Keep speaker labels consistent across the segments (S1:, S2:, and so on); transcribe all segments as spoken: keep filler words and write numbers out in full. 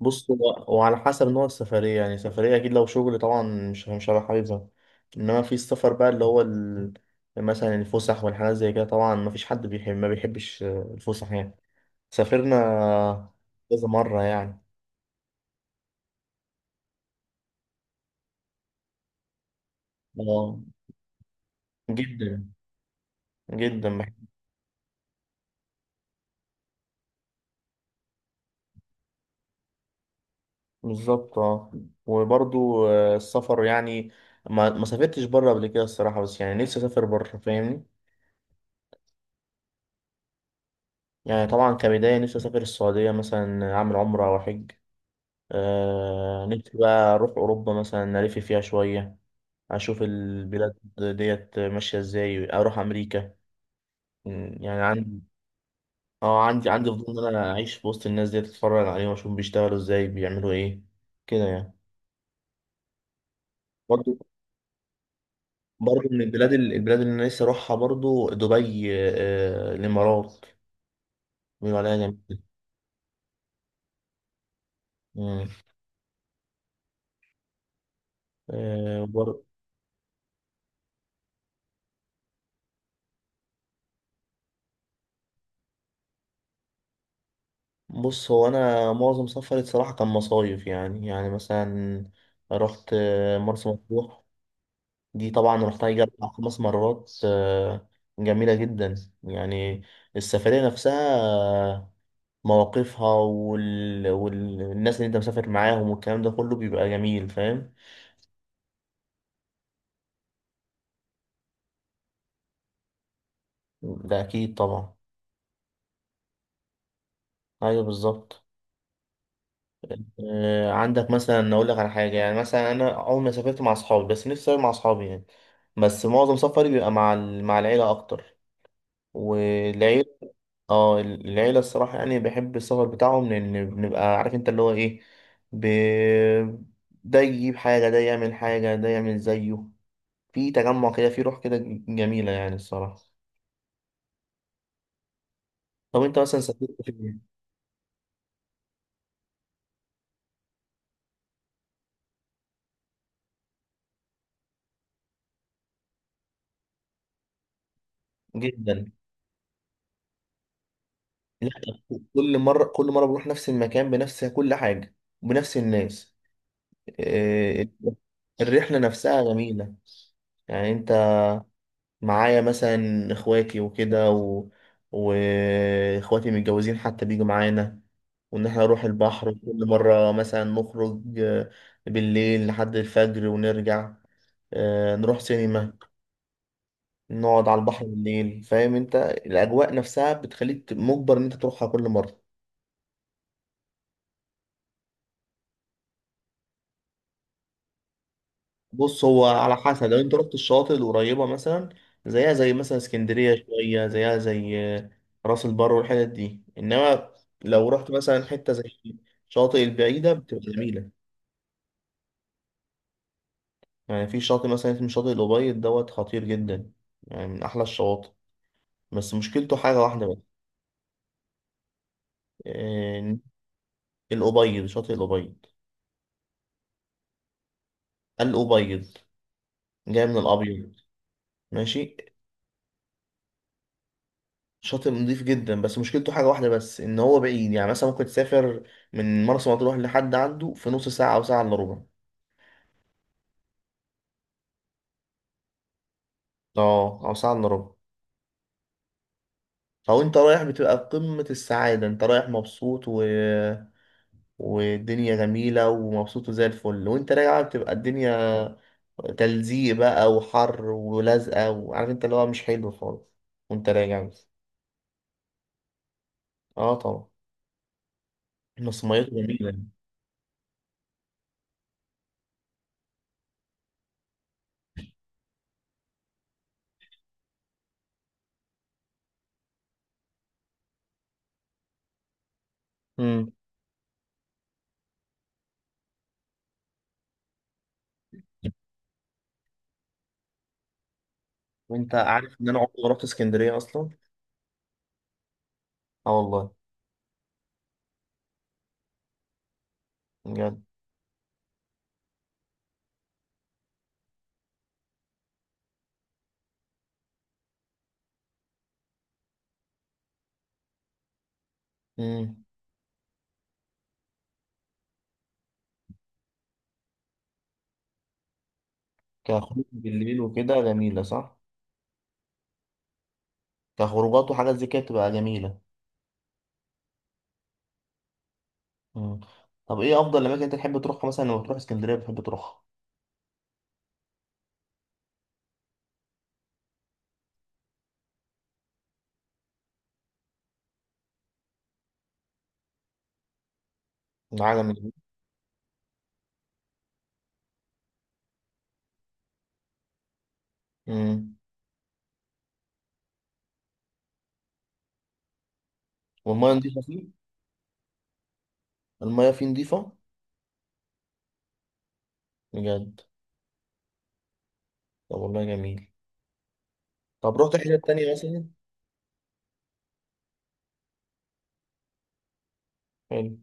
S1: بص، هو وعلى حسب نوع السفرية. يعني سفرية أكيد لو شغل طبعا مش مش هبقى حاببها. إنما في السفر بقى اللي هو ال... مثلا الفسح والحاجات زي كده، طبعا مفيش حد بيحب ما بيحبش آه، الفسح يعني. سافرنا كذا مرة يعني. آه، جدا جدا بحب. بالظبط، اه. وبرضو آه، السفر يعني، ما ما سافرتش بره قبل كده الصراحة، بس يعني نفسي أسافر بره، فاهمني. يعني طبعا كبداية نفسي أسافر السعودية مثلا، أعمل عمرة أو حج. آه، نفسي بقى أروح أوروبا مثلا، ألف فيها شوية، أشوف البلاد ديت، ماشية إزاي أروح أمريكا. م، يعني عندي، أه عندي عندي فضول إن أنا أعيش في وسط الناس ديت، أتفرج عليهم وأشوف بيشتغلوا إزاي، بيعملوا إيه كده يعني. برضو برضو من البلاد ال- البلاد اللي أنا نفسي أروحها، برضو دبي، آه الإمارات، بيقولوا عليها جميلة. مم. آه، بر- بص، هو أنا معظم سفري الصراحة كان مصايف. يعني يعني مثلا رحت آه، مرسى مطروح. دي طبعا رحتها يجي أربع خمس مرات. آه، جميلة جدا يعني. السفرية نفسها، آه، مواقفها وال... والناس اللي انت مسافر معاهم والكلام ده كله بيبقى جميل، فاهم. ده أكيد طبعا. أيوه بالظبط. آه، عندك مثلا، أقول لك على حاجة. يعني مثلا أنا أول ما سافرت مع أصحابي، بس نفسي أسافر مع أصحابي يعني. بس معظم سفري بيبقى مع ال... مع العيلة أكتر. والعيلة، اه العيلة الصراحة يعني بحب السفر بتاعهم، لأن بنبقى عارف انت اللي هو ايه. ب... ده يجيب حاجة، ده يعمل حاجة، ده يعمل زيه. في تجمع كده، في روح كده، جميلة يعني الصراحة. طب انت مثلا سافرت فين؟ جدا. لا. كل مرة كل مرة بروح نفس المكان بنفس كل حاجة، وبنفس الناس. إيه، الرحلة نفسها جميلة. يعني انت معايا مثلا اخواتي وكده و... واخواتي متجوزين حتى بيجوا معانا. وان احنا نروح البحر كل مرة، مثلا نخرج آه، بالليل لحد الفجر ونرجع، آه، نروح سينما، نقعد على البحر بالليل. فاهم انت، الاجواء نفسها بتخليك مجبر ان انت تروحها كل مرة. بص، هو على حسب. لو انت رحت الشواطئ القريبة مثلا، زيها زي مثلا اسكندرية، شوية زيها زي راس البر والحتت دي. انما لو رحت مثلا حتة زي الشاطئ البعيدة بتبقى جميلة. يعني في شاطئ مثلا اسمه شاطئ الأبيض دوت، خطير جدا يعني، من أحلى الشواطئ. بس مشكلته حاجة واحدة بس، إن الأبيض، شاطئ الأبيض. الأبيض، جاي من الأبيض. ماشي. شاطئ نضيف جدا، بس مشكلته حاجة واحدة بس إن هو بعيد. يعني مثلا ممكن تسافر من مرسى مطروح لحد عنده في نص ساعة أو ساعة إلا ربع. اه، أو ساعة إلا ربع. فهو أنت رايح بتبقى في قمة السعادة، أنت رايح مبسوط و... والدنيا جميلة ومبسوط وزي الفل. وأنت راجع بتبقى الدنيا تلزيق بقى وحر ولزقة، وعارف أنت اللي هو مش حلو خالص. وأنت راجع بس. اه طبعا. بس ميته جميلة يعني. مم. وأنت عارف إن أنا عمري ما رحت اسكندرية أصلا. اه والله. بجد. مم. كخروج بالليل وكده جميلة، صح؟ كخروجات وحاجات زي كده بتبقى جميلة. مم. طب ايه أفضل الأماكن أنت تحب تروحها مثلا لما بتروح اسكندرية بتحب تروحها؟ العجمي. مم. والمية نضيفة فيه؟ المية فيه نضيفة؟ بجد؟ طب والله جميل. طب رحت حتة تانية مثلا؟ حلو.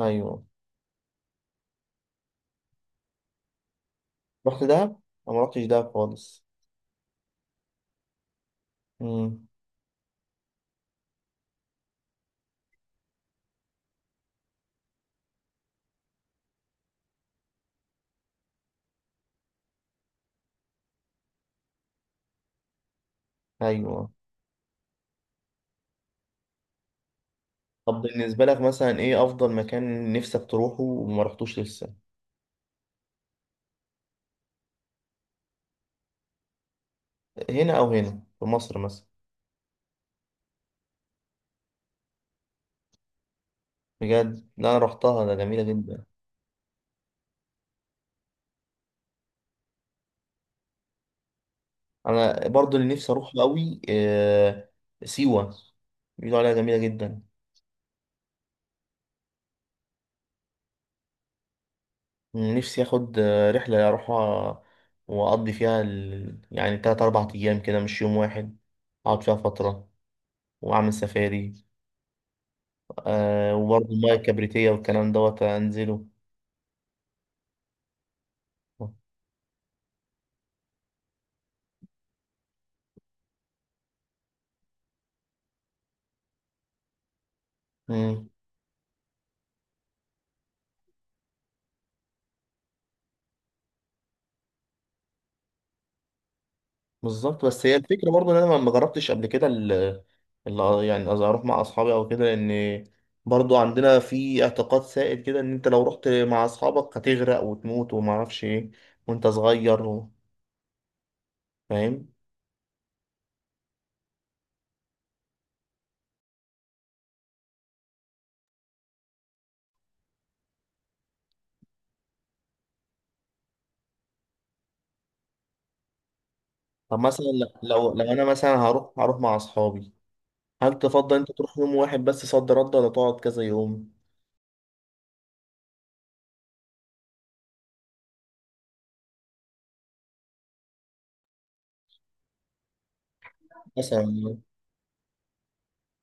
S1: أيوه. رحت دهب؟ أنا ما رحتش دهب خالص. مم. أيوه. طب بالنسبة لك مثلا، ايه أفضل مكان نفسك تروحه وما رحتوش لسه؟ هنا، أو هنا في مصر مثلا؟ بجد؟ لا أنا رحتها، ده جميلة جدا. انا برضو اللي نفسي اروح قوي آه، سيوة، بيقولوا عليها جميلة جدا. نفسي اخد آه، رحلة اروحها واقضي فيها ال... يعني تلات اربع ايام كده، مش يوم واحد. اقعد فيها فترة واعمل سفاري. أه وبرضو المياه الكبريتية والكلام دوت انزله. مم. بالظبط. بس هي الفكرة برضو ان انا ما ما جربتش قبل كده ال- ال- يعني قصدي اروح مع اصحابي او كده. لان برضو عندنا في اعتقاد سائد كده ان انت لو رحت مع اصحابك هتغرق وتموت وما اعرفش ايه، وانت صغير و- فاهم. طب مثلا ل- لو لو انا مثلا هروح هروح مع اصحابي. هل تفضل انت تروح يوم واحد بس صد رد، ولا تقعد كذا يوم؟ مثلا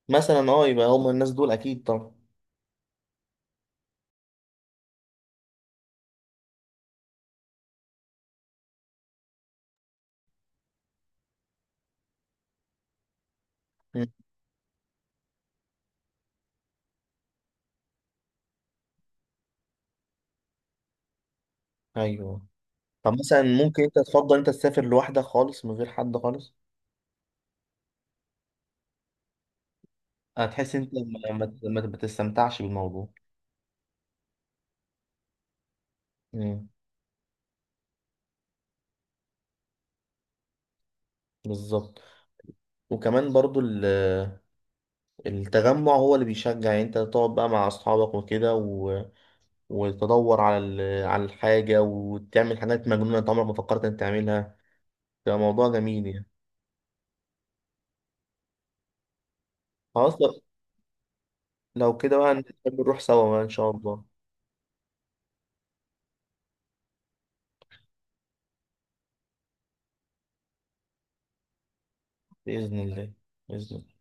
S1: مثلا اه يبقى هم الناس دول اكيد طبعا. مم. ايوه. طب مثلا ممكن انت تفضل انت تسافر لوحدك خالص من غير حد خالص؟ هتحس انت ما ما- ما- ما تستمتعش بالموضوع. مم. بالظبط. وكمان برضو ال- التجمع هو اللي بيشجع، يعني انت تقعد بقى مع اصحابك وكده و... وتدور على ال... على الحاجة، وتعمل حاجات مجنونة انت عمرك ما فكرت انك تعملها. ده موضوع جميل يعني. خلاص، لو لو كده بقى نحب نروح سوا بقى ان شاء الله. بإذن الله. بإذن الله.